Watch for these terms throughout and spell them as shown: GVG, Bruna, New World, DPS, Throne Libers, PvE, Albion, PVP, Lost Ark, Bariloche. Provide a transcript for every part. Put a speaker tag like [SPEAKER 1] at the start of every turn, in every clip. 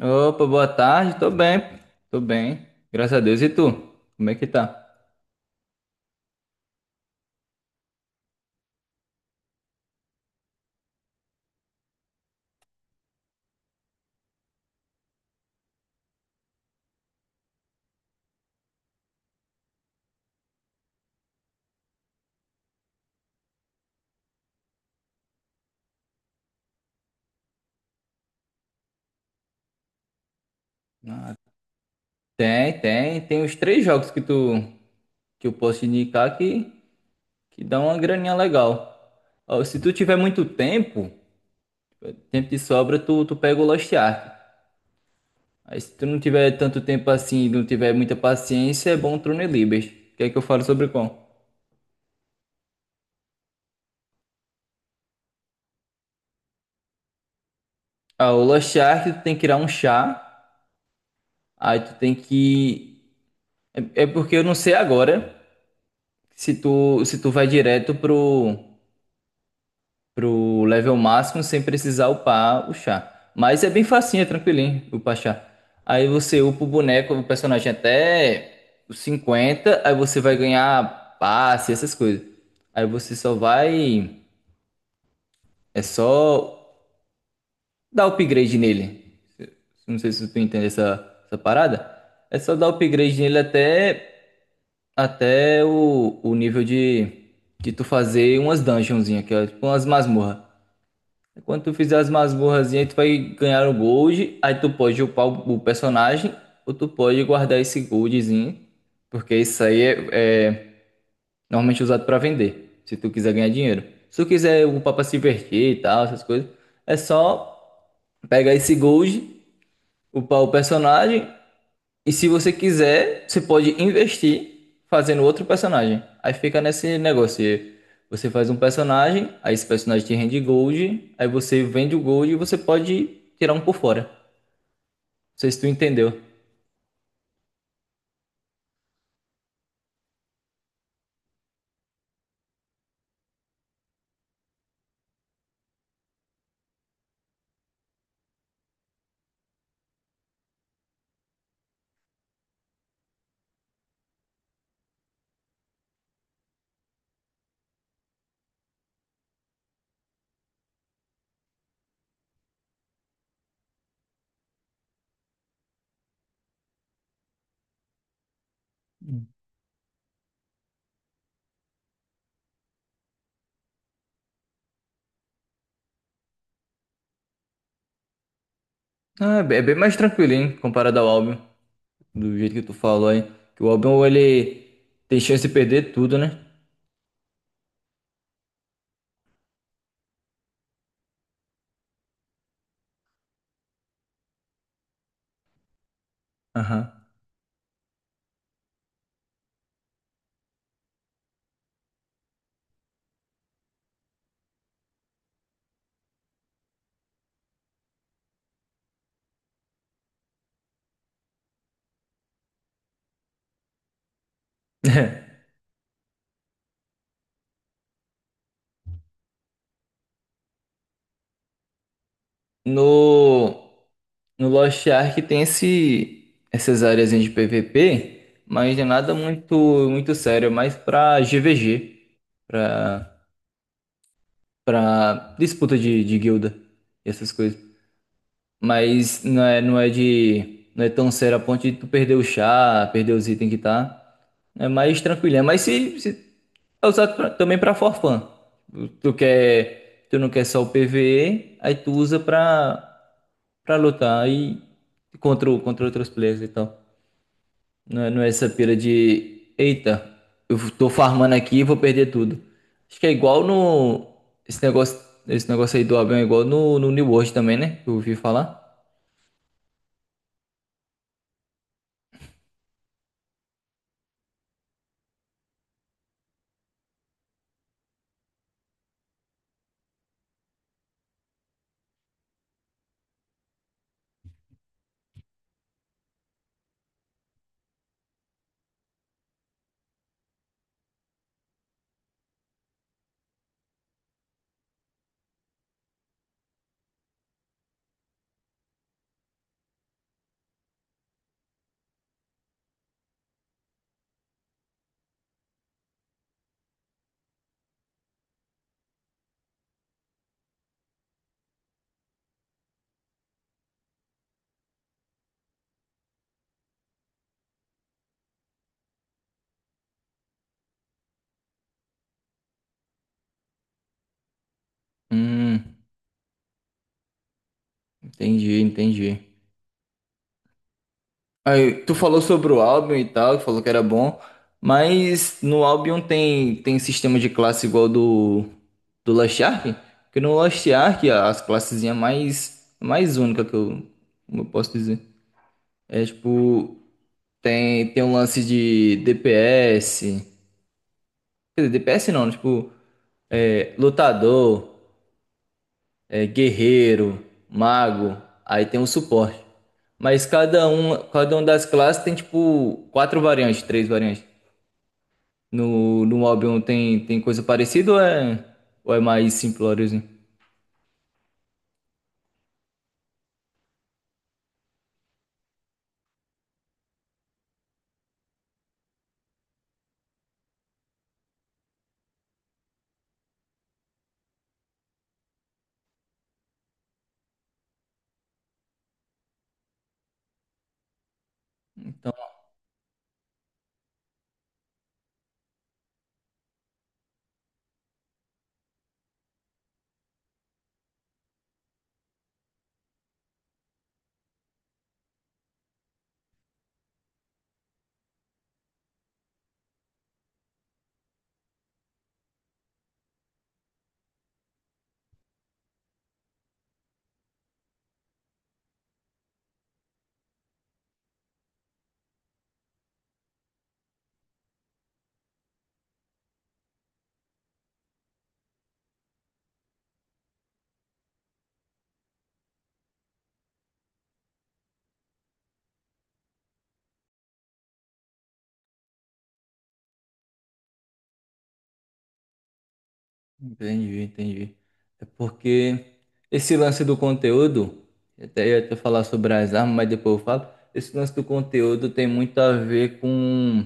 [SPEAKER 1] Opa, boa tarde, tô bem, graças a Deus. E tu? Como é que tá? Ah, tem os três jogos que tu que eu posso te indicar que dão uma graninha legal. Ó, se tu tiver muito tempo, tempo de sobra, tu pega o Lost Ark. Aí se tu não tiver tanto tempo assim, não tiver muita paciência, é bom o Throne Libers. Quer que eu fale sobre qual? Ah, o Lost Ark, tu tem que tirar um chá, aí tu tem que... É porque eu não sei agora se tu vai direto pro level máximo sem precisar upar o chá. Mas é bem facinho, é tranquilinho upar chá. Aí você upa o boneco, o personagem até os 50, aí você vai ganhar passe, essas coisas. Aí você só vai. É só dar upgrade nele. Não sei se tu entende essa parada. É só dar upgrade nele até o nível de tu fazer umas dungeonzinhas, que é tipo umas masmorras. Quando tu fizer as masmorrazinhas, tu vai ganhar o gold. Aí tu pode upar o personagem, ou tu pode guardar esse goldzinho. Porque isso aí é normalmente usado para vender, se tu quiser ganhar dinheiro. Se tu quiser upar pra se divertir e tal, essas coisas, é só pegar esse gold, upar o personagem. E se você quiser, você pode investir fazendo outro personagem. Aí fica nesse negócio. E você faz um personagem, aí esse personagem te rende gold, aí você vende o gold e você pode tirar um por fora. Não sei se tu entendeu. Ah, é bem mais tranquilo, hein? Comparado ao álbum. Do jeito que tu falou aí, que o álbum ele tem chance de perder tudo, né? Aham. No. No Lost Ark tem essas áreas de PVP, mas é nada muito, muito sério, é mais pra GVG, pra, pra disputa de guilda e essas coisas. Mas não é, não é de. Não é tão sério a ponto de tu perder o chá, perder os itens que tá. É mais tranquilo. Mas se é usado também pra forfã. Tu não quer só o PvE, aí tu usa pra lutar e contra outros players e tal. Não é, não é essa pira de: eita, eu tô farmando aqui e vou perder tudo. Acho que é igual no. Esse negócio, esse negócio aí do avião é igual no New World também, né? Eu ouvi falar. Hum, entendi, entendi. Aí, tu falou sobre o Albion e tal, falou que era bom, mas no Albion tem sistema de classe igual do Lost Ark? Porque no Lost Ark as classezinha mais única, que eu, como eu posso dizer. É tipo tem um lance de DPS, quer dizer, DPS não, tipo é, lutador, é, guerreiro, mago, aí tem o suporte. Mas cada uma das classes tem tipo quatro variantes, três variantes. No Albion tem coisa parecida, ou é mais simplóriozinho? Entendi, entendi. É porque esse lance do conteúdo, eu até ia até falar sobre as armas, mas depois eu falo. Esse lance do conteúdo tem muito a ver com,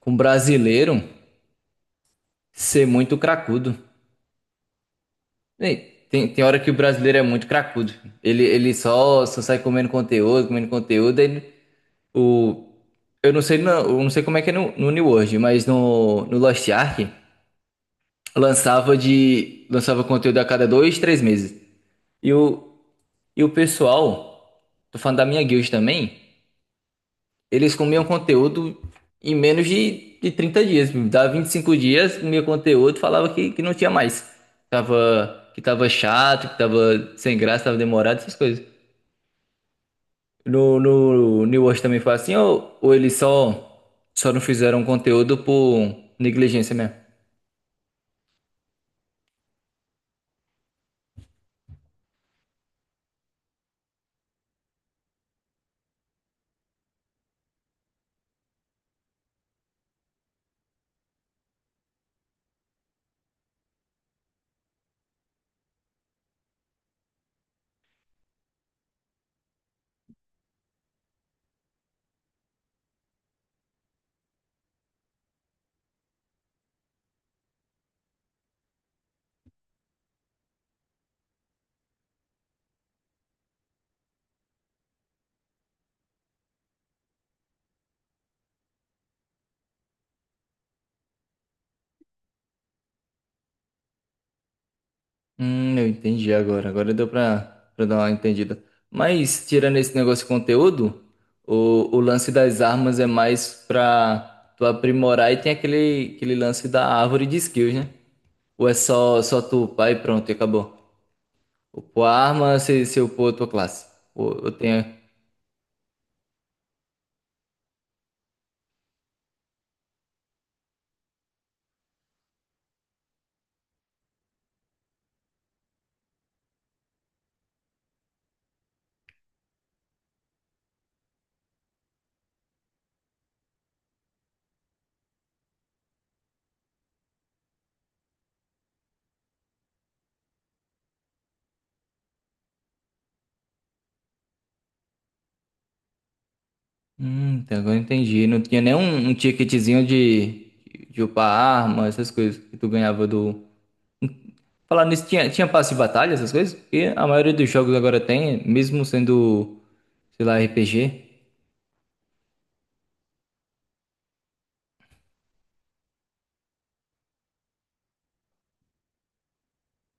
[SPEAKER 1] com brasileiro ser muito cracudo. Ei, tem hora que o brasileiro é muito cracudo. Ele só sai comendo conteúdo, comendo conteúdo. O, eu não sei, não, eu não sei como é que é no New World, mas no Lost Ark lançava de lançava conteúdo a cada dois, três meses. E o, e o pessoal, tô falando da minha guild também, eles comiam conteúdo em menos de 30 dias. Dava 25 dias, comia conteúdo, falava que não tinha mais. Que tava chato, que tava sem graça, tava demorado, essas coisas. No New World também foi assim, ou eles só não fizeram conteúdo por negligência mesmo? Eu entendi agora. Agora deu pra dar uma entendida. Mas, tirando esse negócio de conteúdo, o lance das armas é mais pra tu aprimorar, e tem aquele lance da árvore de skills, né? Ou é só tu upar e pronto, e acabou. Upou a arma, você upou a tua classe. Ou tem. Então agora eu entendi. Não tinha nem um ticketzinho de upar arma, essas coisas que tu ganhava do. Falar nisso, tinha passe de batalha, essas coisas? Porque a maioria dos jogos agora tem, mesmo sendo, sei lá, RPG.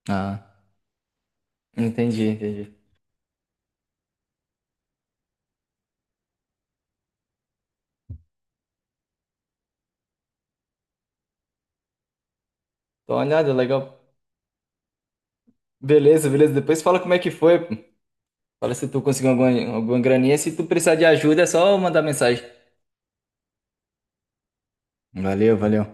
[SPEAKER 1] Ah, entendi, entendi. Tô olhada, legal. Beleza, beleza. Depois fala como é que foi, pô. Fala se tu conseguiu alguma graninha. Se tu precisar de ajuda, é só mandar mensagem. Valeu, valeu.